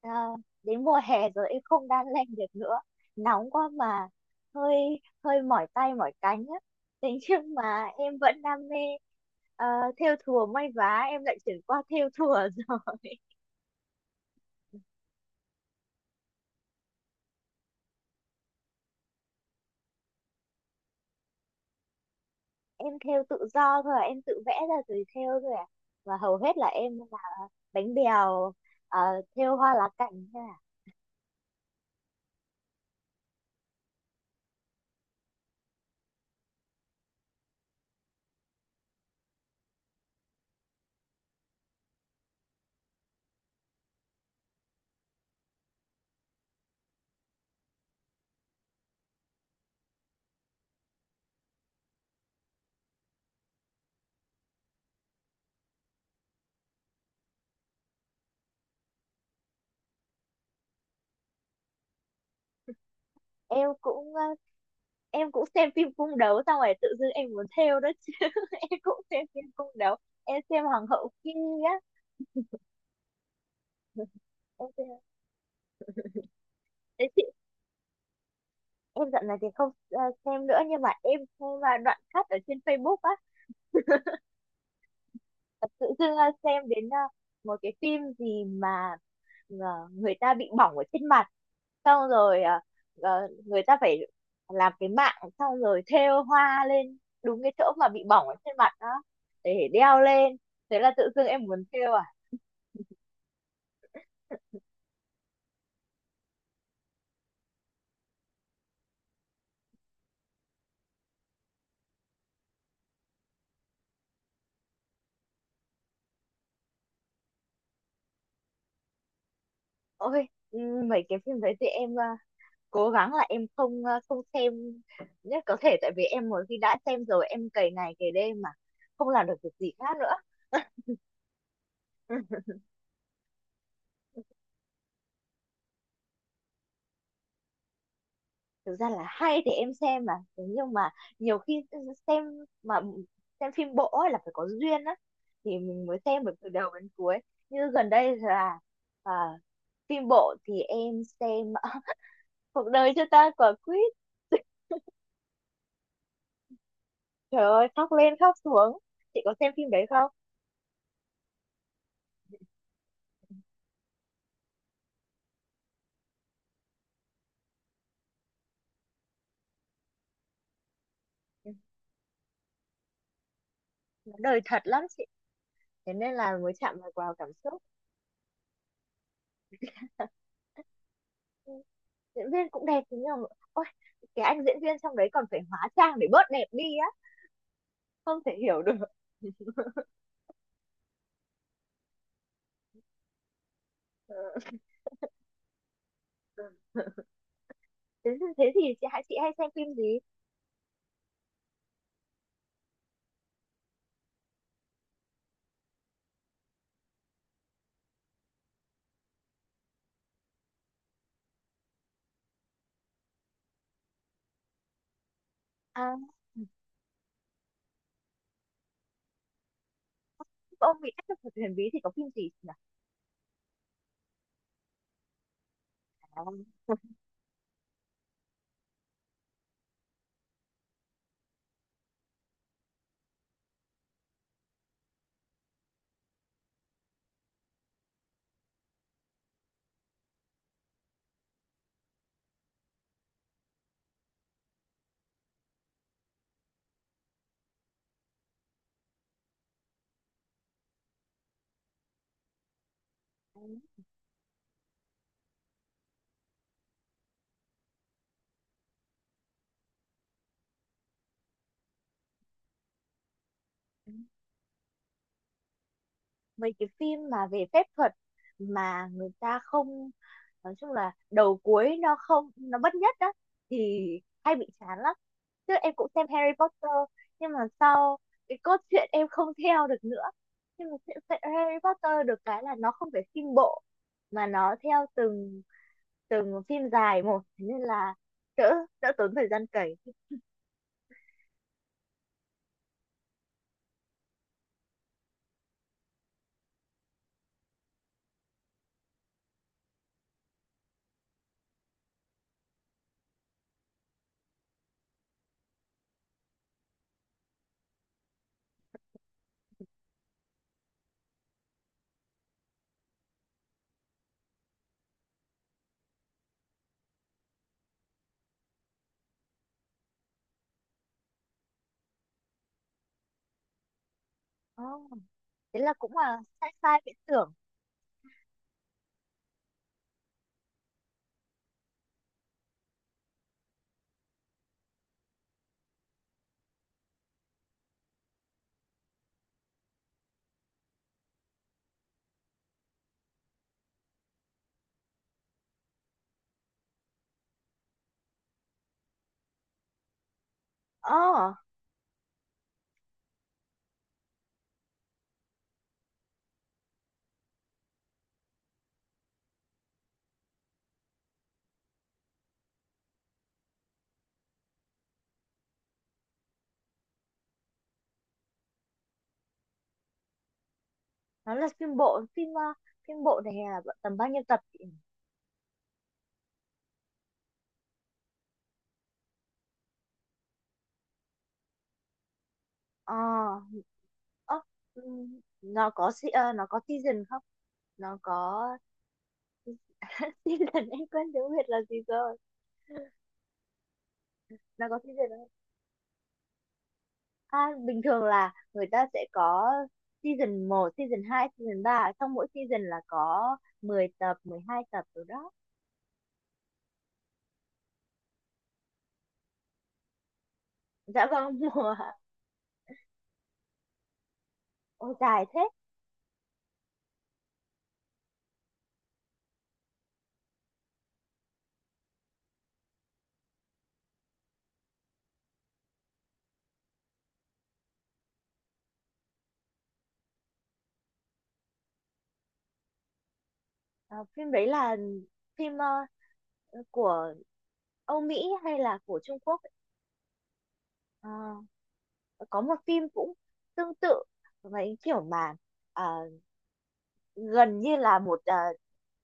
Ờ, Đến mùa hè rồi em không đan len được nữa, nóng quá mà hơi hơi mỏi tay mỏi cánh á. Thế nhưng mà em vẫn đam mê ờ, thêu thùa may vá, em lại chuyển qua thêu thùa rồi. Em thêu tự do thôi à, em tự vẽ ra rồi thêu thôi à. Và hầu hết là em làm bánh bèo, ờ, thêu hoa lá cảnh thôi à. em cũng ờ, em cũng xem phim cung đấu, xong rồi tự dưng em muốn thêu đó chứ. Em cũng xem phim cung đấu. Em xem hoàng hậu Kim á. Em xem. Thế chị, em dạo này thì không xem nữa, nhưng mà em xem đoạn cắt ở trên Facebook á. Và tự dưng xem đến một cái phim gì mà người ta bị bỏng ở trên mặt, xong rồi người ta phải làm cái mạng xong rồi thêu hoa lên đúng cái chỗ mà bị bỏng ở trên mặt đó để đeo lên. Thế là tự dưng em muốn thêu à. Ôi ừ, mấy cái phim đấy thì em cố gắng là em không xem nhất có thể, tại vì em một khi đã xem rồi em cày ngày cày đêm mà không làm được việc gì khác nữa. Thực ra là hay thì em xem mà, nhưng mà nhiều khi xem mà xem phim bộ ấy là phải có duyên á, thì mình mới xem được từ đầu đến cuối. Như gần đây là à, phim bộ thì em xem à, Cuộc đời cho ta quả quýt. Trời ơi khóc lên khóc xuống. Chị có xem phim đấy không? Ừ, nó đời thật lắm chị, thế nên là mới chạm vào vào cảm xúc. Ừ, diễn viên cũng đẹp, thế nhưng mà ôi, cái anh diễn viên trong đấy còn phải hóa trang để bớt đẹp đi á, không thể hiểu được. thế, thế thì chị hay xem phim gì? à, ông bị áp lực thuật huyền bí thì có phim gì nhỉ? à, Mấy cái phim mà về phép thuật mà người ta không, nói chung là đầu cuối nó không, nó bất nhất đó thì hay bị chán lắm. Trước em cũng xem Harry Potter, nhưng mà sau cái cốt truyện em không theo được nữa. Nhưng mà chuyện Harry Potter được cái là nó không phải phim bộ mà nó theo từng từng phim dài một, thế nên là đỡ đỡ tốn thời gian cày. Oh, thế là cũng là sci-fi viễn tưởng. Oh, nó là phim bộ, phim bộ này là tầm bao nhiêu tập chị nhỉ? Ờ Ơ, nó có nó có season không? Nó có season, em quên tiếng Việt là gì rồi. Nó có season không? À, bình thường là người ta sẽ có season 1, season 2, season 3. Trong mỗi season là có 10 tập, 12 tập rồi đó. Dạ vâng, mùa. Ôi, dài thế. Ờ, Phim đấy là phim của Âu Mỹ hay là của Trung Quốc ấy. Ờ, có một phim cũng tương tự với kiểu mà ờ, gần như là một,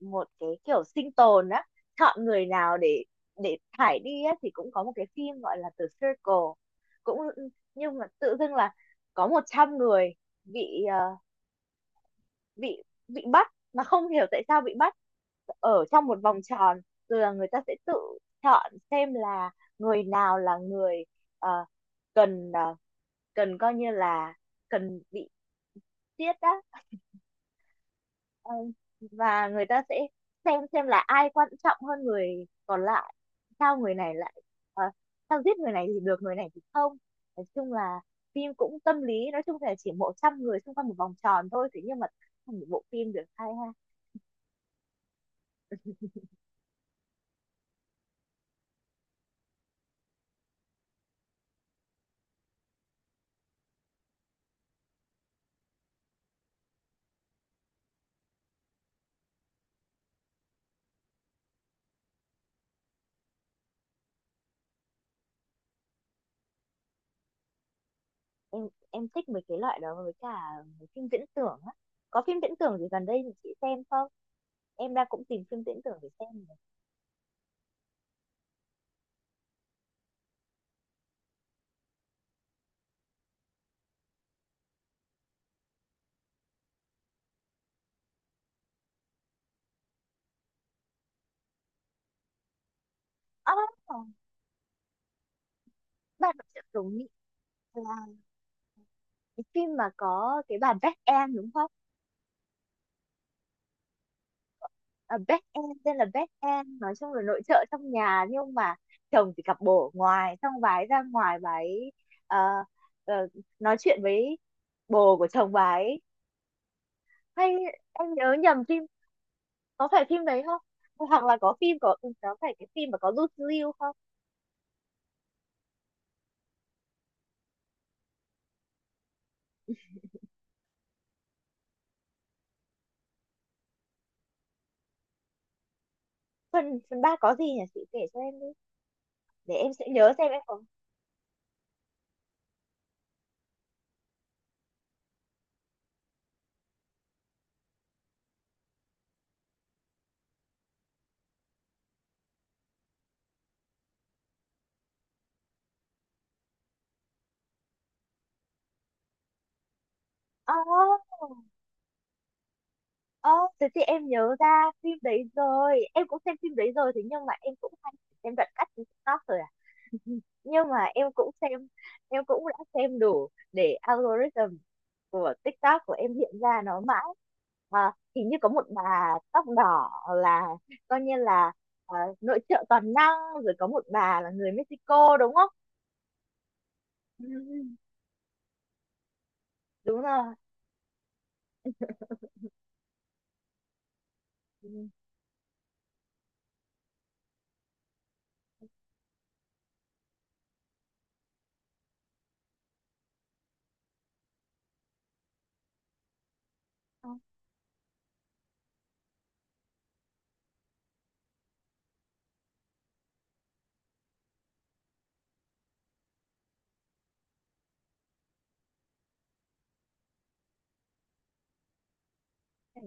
một cái kiểu sinh tồn á, chọn người nào để thải đi á, thì cũng có một cái phim gọi là The Circle cũng. Nhưng mà tự dưng là có 100 người bị ờ, bị bị bắt mà không hiểu tại sao bị bắt, ở trong một vòng tròn. Rồi là người ta sẽ tự chọn xem là người nào là người, ờ, cần, cần coi như là cần bị giết á. Ờ, và người ta sẽ xem là ai quan trọng hơn người còn lại, sao người này lại, ờ, sao giết người này thì được, người này thì không. Nói chung là phim cũng tâm lý, nói chung là chỉ 100 người xung quanh một vòng tròn thôi, thế nhưng mà thành một bộ phim được hay ha. Em thích mấy cái loại đó với cả mấy phim viễn tưởng á. Có phim viễn tưởng gì gần đây thì chị xem không? Em đang cũng tìm phim viễn tưởng để xem này. à, Bạn sẽ đúng là cái phim mà có cái bà Jack Anne đúng không? Back end, tên là back end, nói chung là nội trợ trong nhà nhưng mà chồng thì cặp bồ ở ngoài, xong bà ấy ra ngoài bà ấy ờ, ờ, nói chuyện với bồ của chồng bà ấy. Hay em nhớ nhầm phim, có phải phim đấy không? Hoặc là có phim có phải cái phim mà có Lucy Liu không? Phần phần ba có gì nhỉ, chị kể cho em đi để em sẽ nhớ xem em có. oh, Ơ, Thế thì em nhớ ra phim đấy rồi. Em cũng xem phim đấy rồi, thế nhưng mà em cũng hay xem đoạn cắt trên TikTok rồi à. Nhưng mà em cũng xem, em cũng đã xem đủ để algorithm của TikTok của em hiện ra nó mãi. À, hình như có một bà tóc đỏ là coi như là nội trợ toàn năng, rồi có một bà là người Mexico đúng không? Ừ, đúng rồi. Ừ.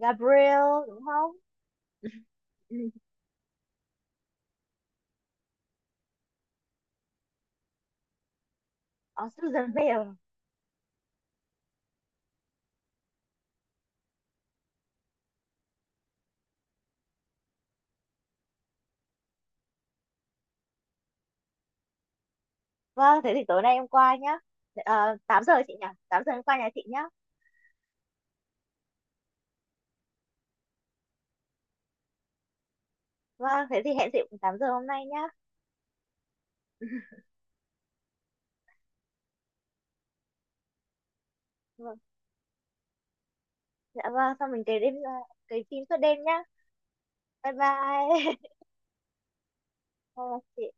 Gabriel đúng không? Ừ. Ờ, Susan Bell. Vâng, thế thì tối nay em qua nhá. 8 giờ chị nhỉ? 8 giờ em qua nhà chị nhá. Vâng, thế thì hẹn chị cũng 8 giờ hôm nay nhá. Vâng, dạ vâng, xong mình kể đêm kể phim suốt đêm nhá. Bye bye. Bye bye chị.